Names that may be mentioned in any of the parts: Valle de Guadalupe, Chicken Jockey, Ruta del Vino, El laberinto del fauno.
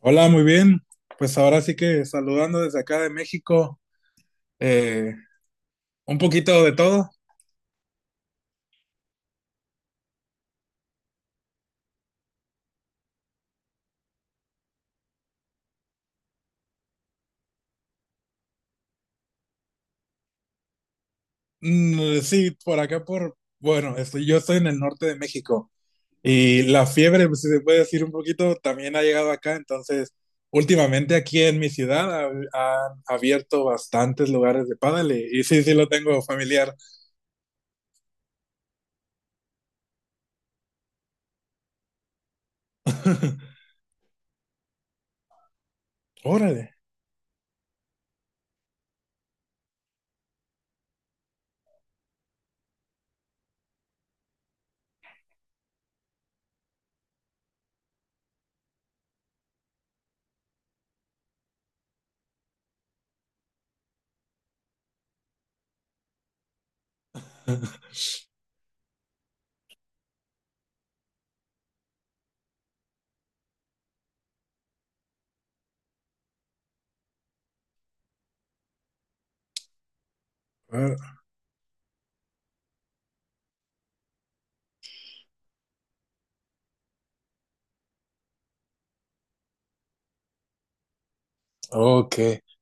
Hola, muy bien. Pues ahora sí que saludando desde acá de México, eh, un poquito de todo. Mm, sí, por acá por, bueno, yo estoy en el norte de México y la fiebre, pues, si se puede decir un poquito, también ha llegado acá. Entonces, últimamente aquí en mi ciudad han abierto bastantes lugares de pádel y sí, sí lo tengo familiar. Órale. Ah, Ok.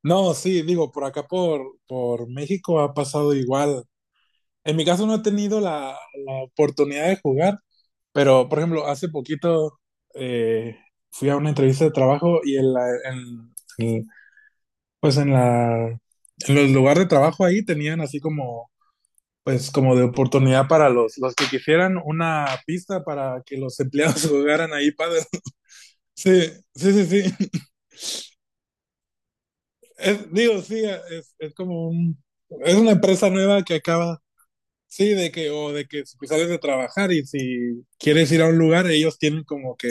No, sí, digo, por acá por México ha pasado igual. En mi caso no he tenido la oportunidad de jugar, pero por ejemplo, hace poquito eh, fui a una entrevista de trabajo y en la, en- pues en la, en los lugares de trabajo ahí tenían así como, pues como de oportunidad para los que quisieran una pista para que los empleados jugaran ahí padre. Sí, sí, sí, sí. Digo, sí, es, es como un, es una empresa nueva que acaba. Sí, o de que si sales de trabajar y si quieres ir a un lugar, ellos tienen como que,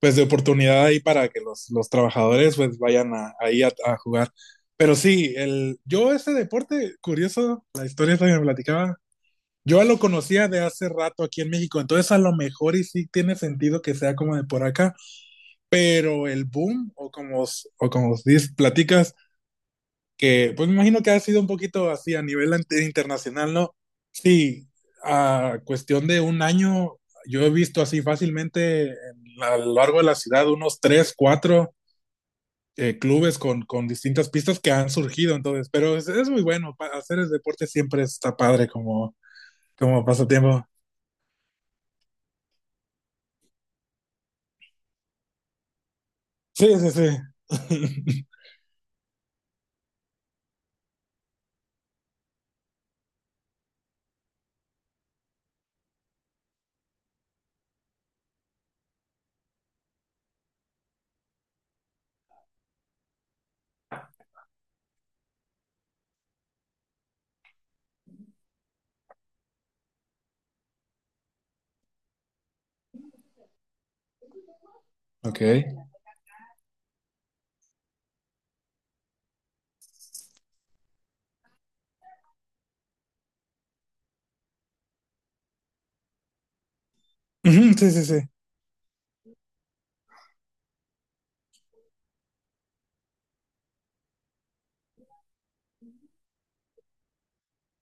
pues, de oportunidad ahí para que los trabajadores, pues, vayan a jugar. Pero sí, yo ese deporte, curioso, la historia esa que me platicaba, yo lo conocía de hace rato aquí en México, entonces a lo mejor y sí tiene sentido que sea como de por acá, pero el boom, o como dices, platicas, que pues me imagino que ha sido un poquito así a nivel internacional, ¿no? Sí, a cuestión de un año, yo he visto así fácilmente a lo largo de la ciudad unos tres, cuatro clubes con distintas pistas que han surgido, entonces, pero es muy bueno, hacer el deporte siempre está padre como pasatiempo. Sí, sí, sí. Ok. Ujú, sí, sí, sí.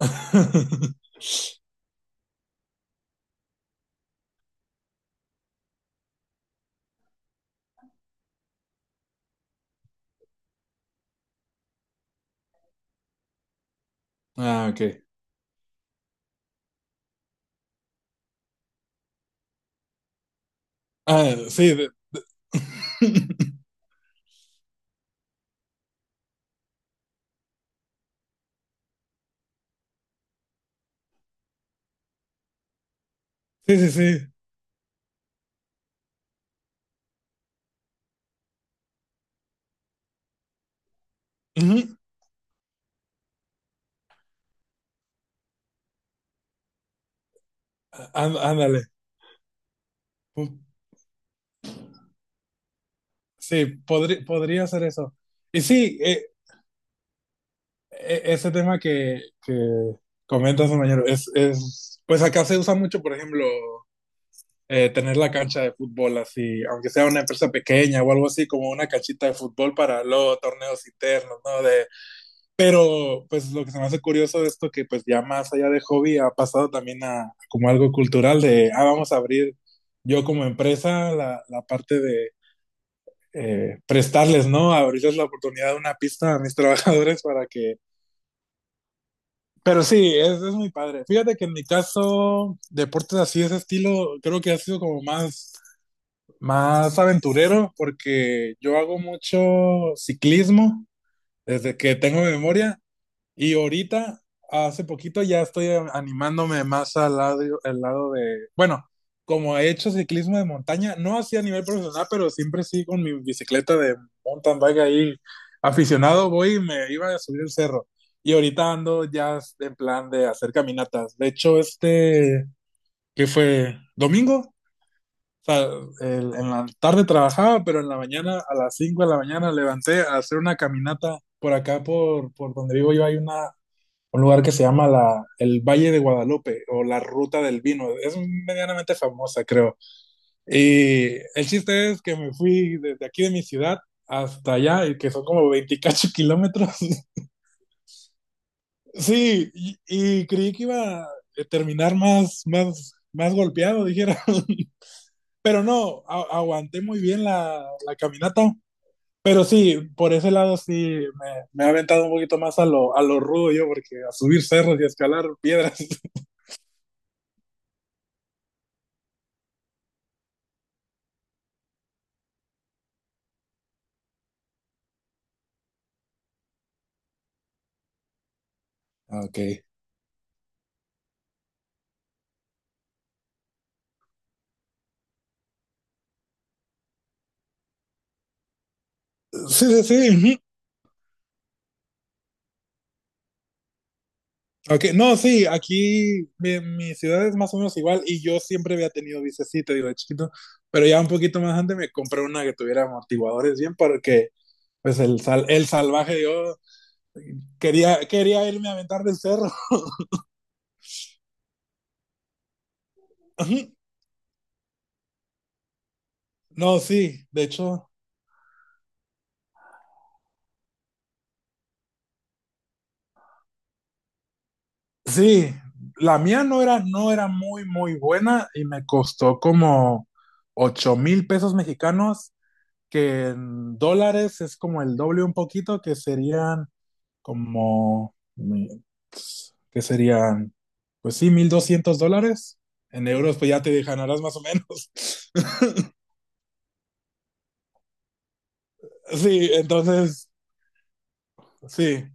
Ah, ok. Ah, sí, sí, sí, sí. Ujú, á- Ándale. Sí, podría ser eso. Y sí, ese tema que comentas, compañero, es, pues acá se usa mucho, por ejemplo, tener la cancha de fútbol así, aunque sea una empresa pequeña o algo así, como una canchita de fútbol para luego torneos internos, ¿no? Pero pues lo que se me hace curioso de esto, que pues ya más allá de hobby ha pasado también a como algo cultural de, ah, vamos a abrir yo como empresa la parte de prestarles, ¿no? Abrirles la oportunidad de una pista a mis trabajadores para que... Pero sí, es muy padre. Fíjate que en mi caso, deportes así de ese estilo, creo que ha sido como más aventurero, porque yo hago mucho ciclismo desde que tengo memoria y ahorita, hace poquito, ya estoy animándome más al lado de, bueno, como he hecho ciclismo de montaña, no así a nivel profesional, pero siempre sí con mi bicicleta de mountain bike ahí aficionado, voy y me iba a subir el cerro. Y ahorita ando ya en plan de hacer caminatas. De hecho, este, que fue domingo, o sea, en la tarde trabajaba, pero en la mañana, a las 5 de la mañana, levanté a hacer una caminata por acá, por donde vivo yo, hay una un lugar que se llama el Valle de Guadalupe o la Ruta del Vino. Es medianamente famosa, creo. Y el chiste es que me fui desde aquí de mi ciudad hasta allá, y que son como 28 kilómetros. Sí, y creí que iba a terminar más golpeado, dijera. Pero no, aguanté muy bien la caminata. Pero sí, por ese lado sí me ha aventado un poquito más a lo rudo yo, porque a subir cerros y a escalar piedras. Ah, Ok. Sí, sí, sí. Ujú. Okay. No, sí, aquí mi ciudad es más o menos igual y yo siempre había tenido bicicleta, digo, de chiquito, pero ya un poquito más antes me compré una que tuviera amortiguadores bien porque pues el salvaje yo quería irme a aventar del cerro. Ujú. No, sí, de hecho, sí, la mía no era muy, muy buena y me costó como 8,000 pesos mexicanos que en dólares es como el doble un poquito, que serían como, mi- que serían, pues sí, 1,200 dólares. En euros, pues ya te ganarás más o menos. Sí, entonces, sí,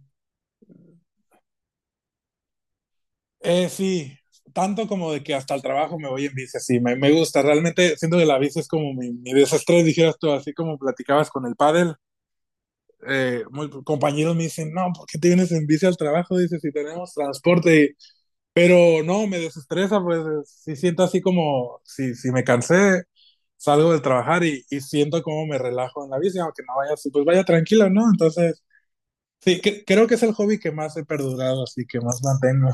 sí, tanto como de que hasta el trabajo me voy en bici, sí, me gusta, realmente siento que la bici es como mi desestrés, dijeras tú, así como platicabas con el pádel, compañeros me dicen, no, ¿por qué te vienes en bici al trabajo? Dices, si tenemos transporte, pero no, me desestresa, pues sí siento así como, si me cansé, salgo de trabajar y siento como me relajo en la bici, aunque no vaya así, pues vaya tranquilo, ¿no? Entonces, sí, creo que es el hobby que más he perdurado, así que más mantengo.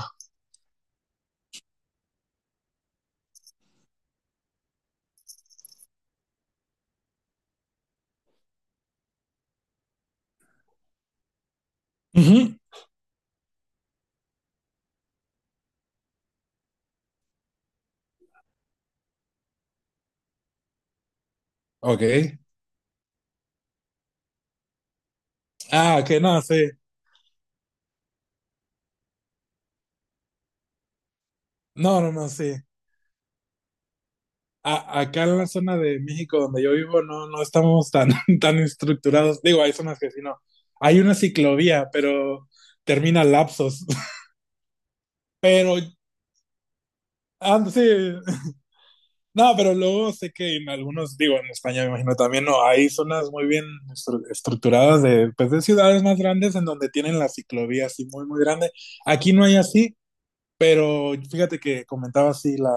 Ujú. Ok. Ah, que no, sí. No, no, no, sí. Acá en la zona de México donde yo vivo no, no estamos tan, tan estructurados. Digo, hay zonas que sí, no. Hay una ciclovía, pero termina lapsos. Pero, ah, sí, no, pero luego sé que en algunos, digo, en España me imagino también, no, hay zonas muy bien estructuradas de, pues, de ciudades más grandes en donde tienen la ciclovía así muy, muy grande. Aquí no hay así, pero fíjate que comentaba así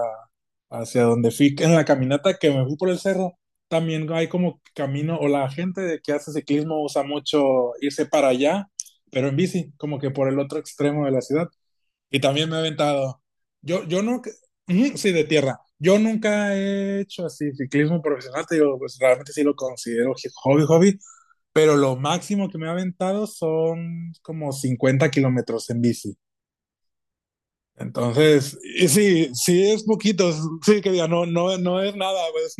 hacia donde fui en la caminata que me fui por el cerro, también hay como camino, o la gente de que hace ciclismo usa mucho irse para allá, pero en bici, como que por el otro extremo de la ciudad. Y también me he aventado. Yo nunca, ujú, sí, de tierra. Yo nunca he hecho así ciclismo profesional, te digo, pues realmente sí lo considero hobby, hobby, pero lo máximo que me he aventado son como 50 kilómetros en bici. Entonces, y sí, sí es poquito, sí que diga, no, no, no es nada, pues,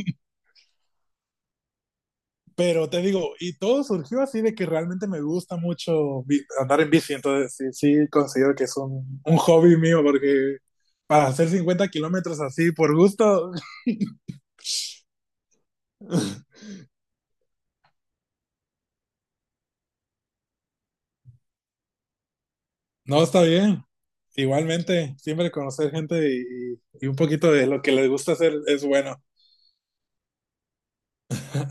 pero te digo, y todo surgió así de que realmente me gusta mucho andar en bici, entonces sí, sí considero que es un hobby mío, porque para hacer 50 kilómetros así por gusto, no está bien. Igualmente, siempre conocer gente y un poquito de lo que les gusta hacer es bueno.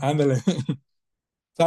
Ándale.